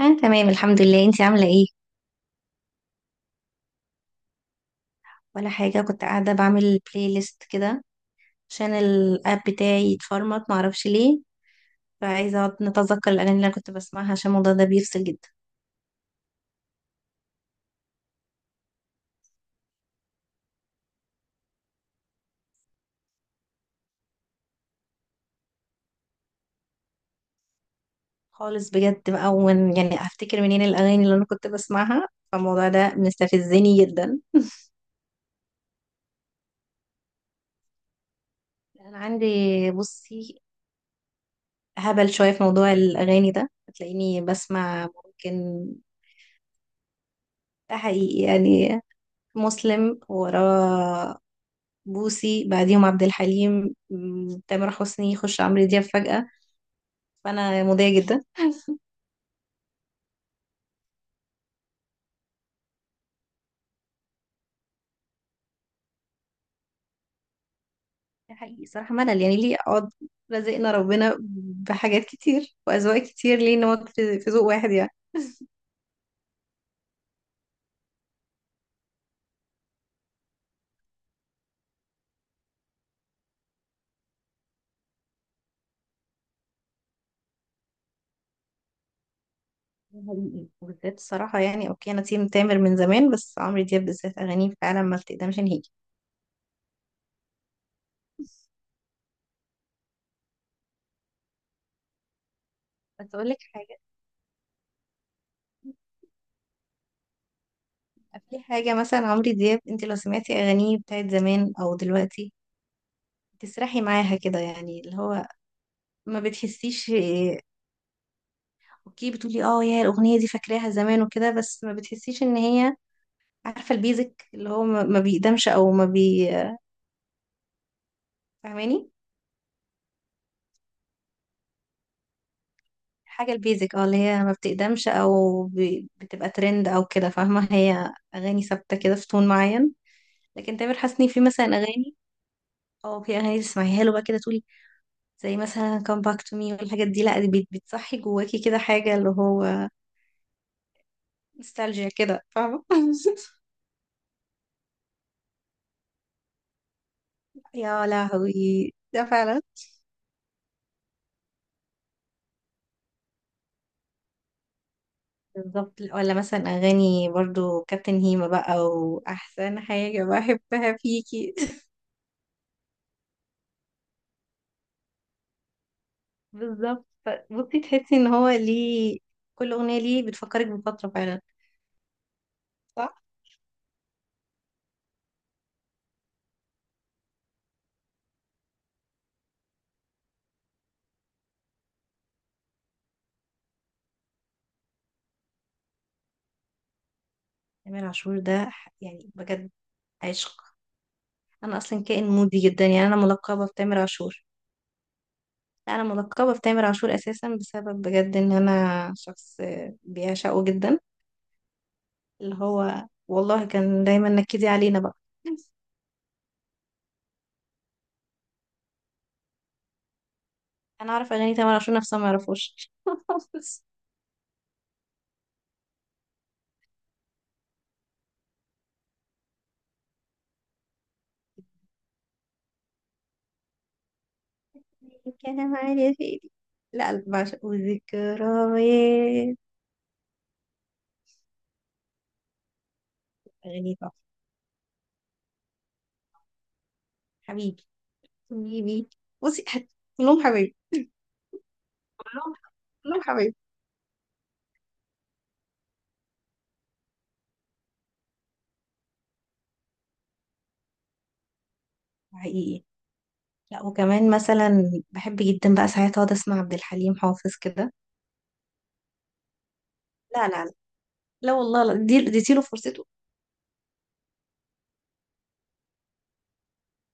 أنا تمام، الحمد لله. انتي عاملة ايه؟ ولا حاجة، كنت قاعدة بعمل بلاي ليست كده عشان الاب بتاعي يتفرمط، معرفش ليه. فعايزة اقعد نتذكر الأغاني اللي أنا كنت بسمعها، عشان الموضوع ده بيفصل جدا خالص بجد بقى. ومن يعني هفتكر منين الأغاني اللي أنا كنت بسمعها؟ فالموضوع ده مستفزني جدا. أنا عندي، بصي، هبل شوية في موضوع الأغاني ده، هتلاقيني بسمع ممكن ده حقيقي يعني. مسلم، وراه بوسي، بعديهم عبد الحليم، تامر حسني، يخش عمرو دياب فجأة. فأنا مضايقة جدا. ده حقيقي صراحة. ملل يعني ليه أقعد؟ رزقنا ربنا بحاجات كتير وأذواق كتير، ليه نقعد في ذوق واحد يعني؟ ده حقيقي وبالذات الصراحة يعني. أوكي، أنا تيم تامر من زمان، بس عمرو دياب بالذات أغانيه فعلا ما بتقدمش نهيجي. بس أقول لك حاجة. في حاجة مثلا، عمرو دياب أنت لو سمعتي أغانيه بتاعت زمان أو دلوقتي، تسرحي معاها كده، يعني اللي هو ما بتحسيش. اوكي بتقولي اه يا الاغنيه دي فاكراها زمان وكده، بس ما بتحسيش ان هي، عارفه البيزك اللي هو ما بيقدمش او ما بي فاهماني؟ حاجه البيزك، اه اللي هي ما بتقدمش او بتبقى ترند او كده، فاهمه. هي اغاني ثابته كده في تون معين. لكن تامر حسني في مثلا اغاني، اه في اغاني تسمعيها له بقى كده تقولي، زي مثلا come back to me والحاجات دي، لا دي بتصحي جواكي كده حاجه، اللي هو نوستالجيا كده، فاهمه؟ يا لهوي، ده فعلا. بالظبط، ولا مثلا اغاني برضو كابتن هيما بقى، واحسن حاجه بحبها فيكي بالظبط، بصي تحسي ان هو ليه كل اغنيه ليه بتفكرك بفتره فعلا. صح. تامر عاشور ده يعني بجد عشق. انا اصلا كائن مودي جدا، يعني انا ملقبه بتامر عاشور. لا انا ملقبه بتامر عاشور اساسا بسبب بجد ان انا شخص بيعشقه جدا. اللي هو والله كان دايما نكدي علينا بقى انا اعرف اغاني تامر عاشور نفسها ما يعرفوش كلام عادي يا سيدي. لا، بعشق وذكريات أغنية تحفة. حبيبي، حبيبي. بصي، كلهم حبايبي. كلهم، كلهم حبايبي. حقيقي. لا وكمان مثلا بحب جدا بقى ساعات اقعد اسمع عبد الحليم حافظ كده. لا لا لا. لا والله، لا دي اديتي له فرصته.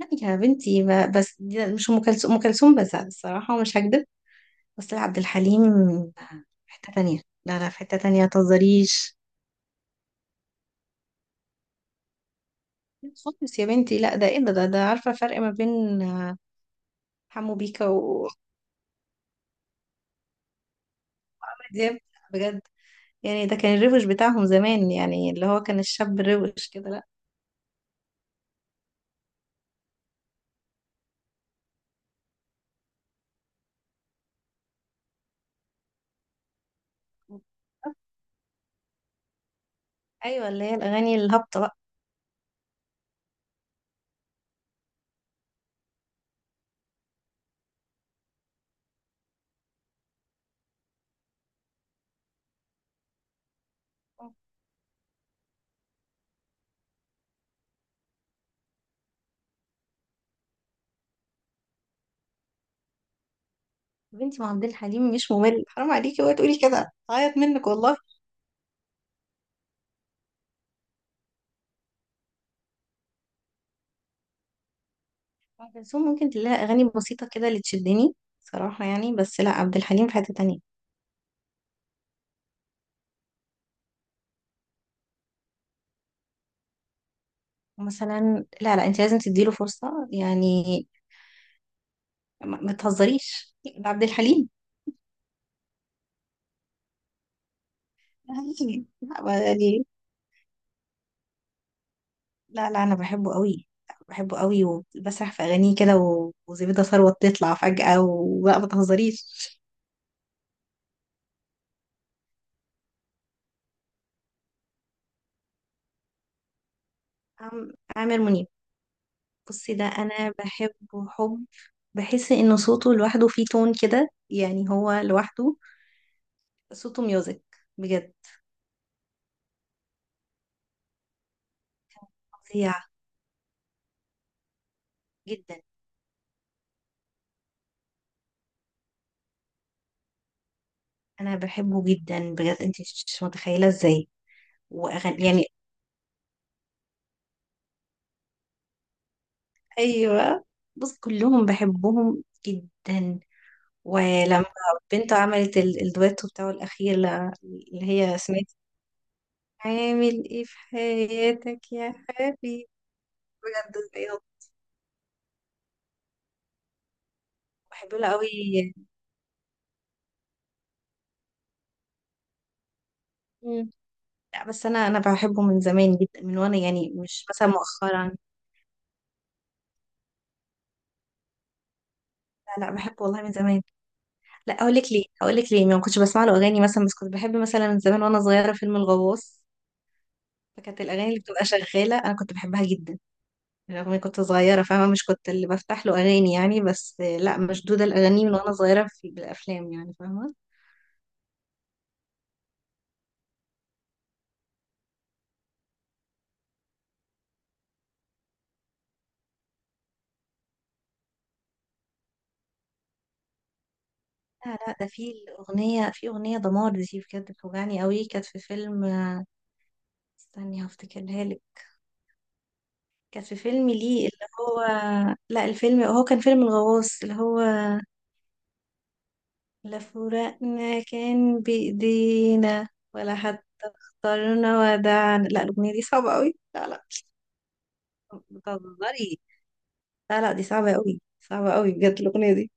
لا يا بنتي، ما بس دي مش ام كلثوم. ام كلثوم بس الصراحه، ومش هكدب. بس لا، عبد الحليم في حته تانية. لا لا، في حته تانية، متهزريش. لا خالص يا بنتي، لا ده ايه؟ ده ده عارفه الفرق ما بين حمو بيكا وعمرو دياب؟ بجد. يعني ده كان الروش بتاعهم زمان، يعني اللي هو كان الشاب الروش كده. لا. ايوه، اللي هي الاغاني الهابطه بقى. يا بنتي، ما عبد الحليم مش ممل. حرام عليكي وقت تقولي كده، هعيط منك والله. ام كلثوم ممكن تلاقي اغاني بسيطه كده اللي تشدني صراحه يعني. بس لا، عبد الحليم في حته تانية مثلا. لا لا، انت لازم تديله فرصه، يعني ما تهزريش، ده عبد الحليم لا، يعني، لا لا، انا بحبه قوي. بحبه قوي وبسرح في اغانيه كده، وزبيدة ثروت تطلع فجأة وبقى، ما تهزريش. عامر منيب. بصي، ده انا بحبه حب. بحس ان صوته لوحده فيه تون كده، يعني هو لوحده صوته ميوزك، بجد. فظيع جدا. انا بحبه جدا بجد، انت مش متخيله ازاي. واغاني يعني، ايوه، بص كلهم بحبهم جدا. ولما بنته عملت الدويتو بتاعه الأخير اللي هي سمعت عامل ايه في حياتك يا حبيبي. بجد أيوة، بحب له قوي. مم. لا بس انا بحبه من زمان جدا، من وانا يعني مش مثلا مؤخرا. لا لا، بحبه والله من زمان. لا، اقول لك ليه، ما كنتش بسمع له اغاني مثلا، بس كنت بحب مثلا من زمان وانا صغيره فيلم الغواص. فكانت الاغاني اللي بتبقى شغاله انا كنت بحبها جدا. رغم إني كنت صغيرة، فاهمة؟ مش كنت اللي بفتح له أغاني يعني، بس لا مشدودة الأغاني من وأنا صغيرة في بالأفلام يعني، فاهمة؟ لا لا، ده في الأغنية، في أغنية دمار دي بجد بتوجعني قوي. كانت في فيلم استني هفتكرها لك. كانت في فيلم ليه اللي هو، لا الفيلم هو كان فيلم الغواص اللي هو، لا فراقنا كان بإيدينا، ولا حتى اخترنا ودعنا. لا الأغنية دي صعبة قوي. لا لا بتهزري. لا لا، دي صعبة قوي، صعبة قوي بجد الأغنية دي.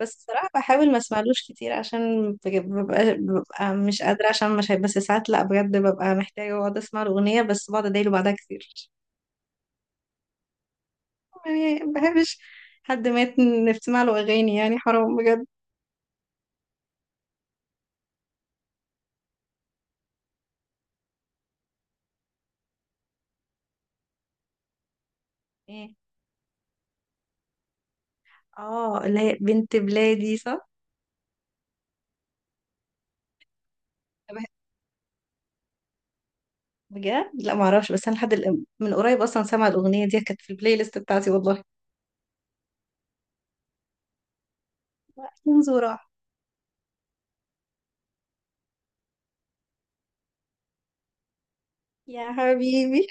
بس الصراحة بحاول ما اسمعلوش كتير، عشان ببقى مش قادرة، عشان مش هي- بس ساعات لا بجد ببقى محتاجة اقعد اسمع الأغنية، بس بقعد ادايله بعدها كتير. يعني ما بحبش حد مات نسمع له أغاني، يعني حرام بجد. ايه؟ اه اللي هي بنت بلادي صح؟ بح- بجد لا معرفش، بس انا من قريب اصلا سامعة الأغنية دي، كانت في البلاي ليست بتاعتي والله. ينزل راح. يا حبيبي.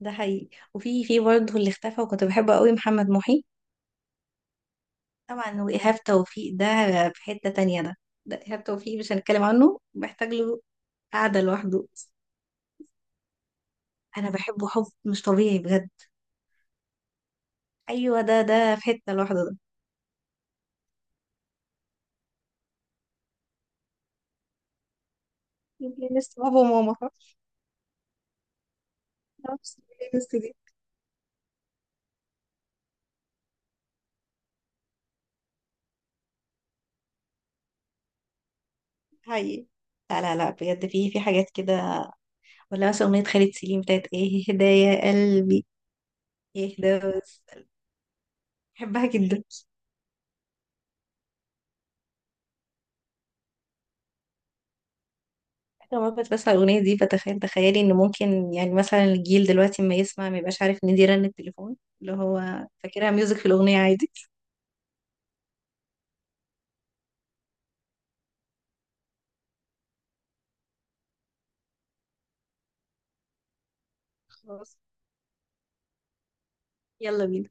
ده حقيقي، وفي في برضه اللي اختفى وكنت بحبه قوي، محمد محي. طبعا، وإيهاب توفيق ده في حتة تانية ده. ده إيهاب توفيق مش هنتكلم عنه، محتاج له قعدة لوحده. أنا بحبه حب مش طبيعي بجد. أيوة، ده في حتة لوحده ده. يمكن لسه بابا وماما، فاهمة؟ نفس البلاylist دي. حقيقي. لا لا لا، بجد في حاجات كده. ولا مثلا أغنية خالد سليم بتاعت إيه، هدايا قلبي. إيه ده بس. بحبها جدا. أنا مرة كنت بسمع الأغنية دي، فتخيل تخيلي إن ممكن يعني مثلا الجيل دلوقتي ما يسمع، ما يبقاش عارف إن دي رنة تليفون، اللي هو فاكرها ميوزك في الأغنية عادي. خلاص، يلا بينا.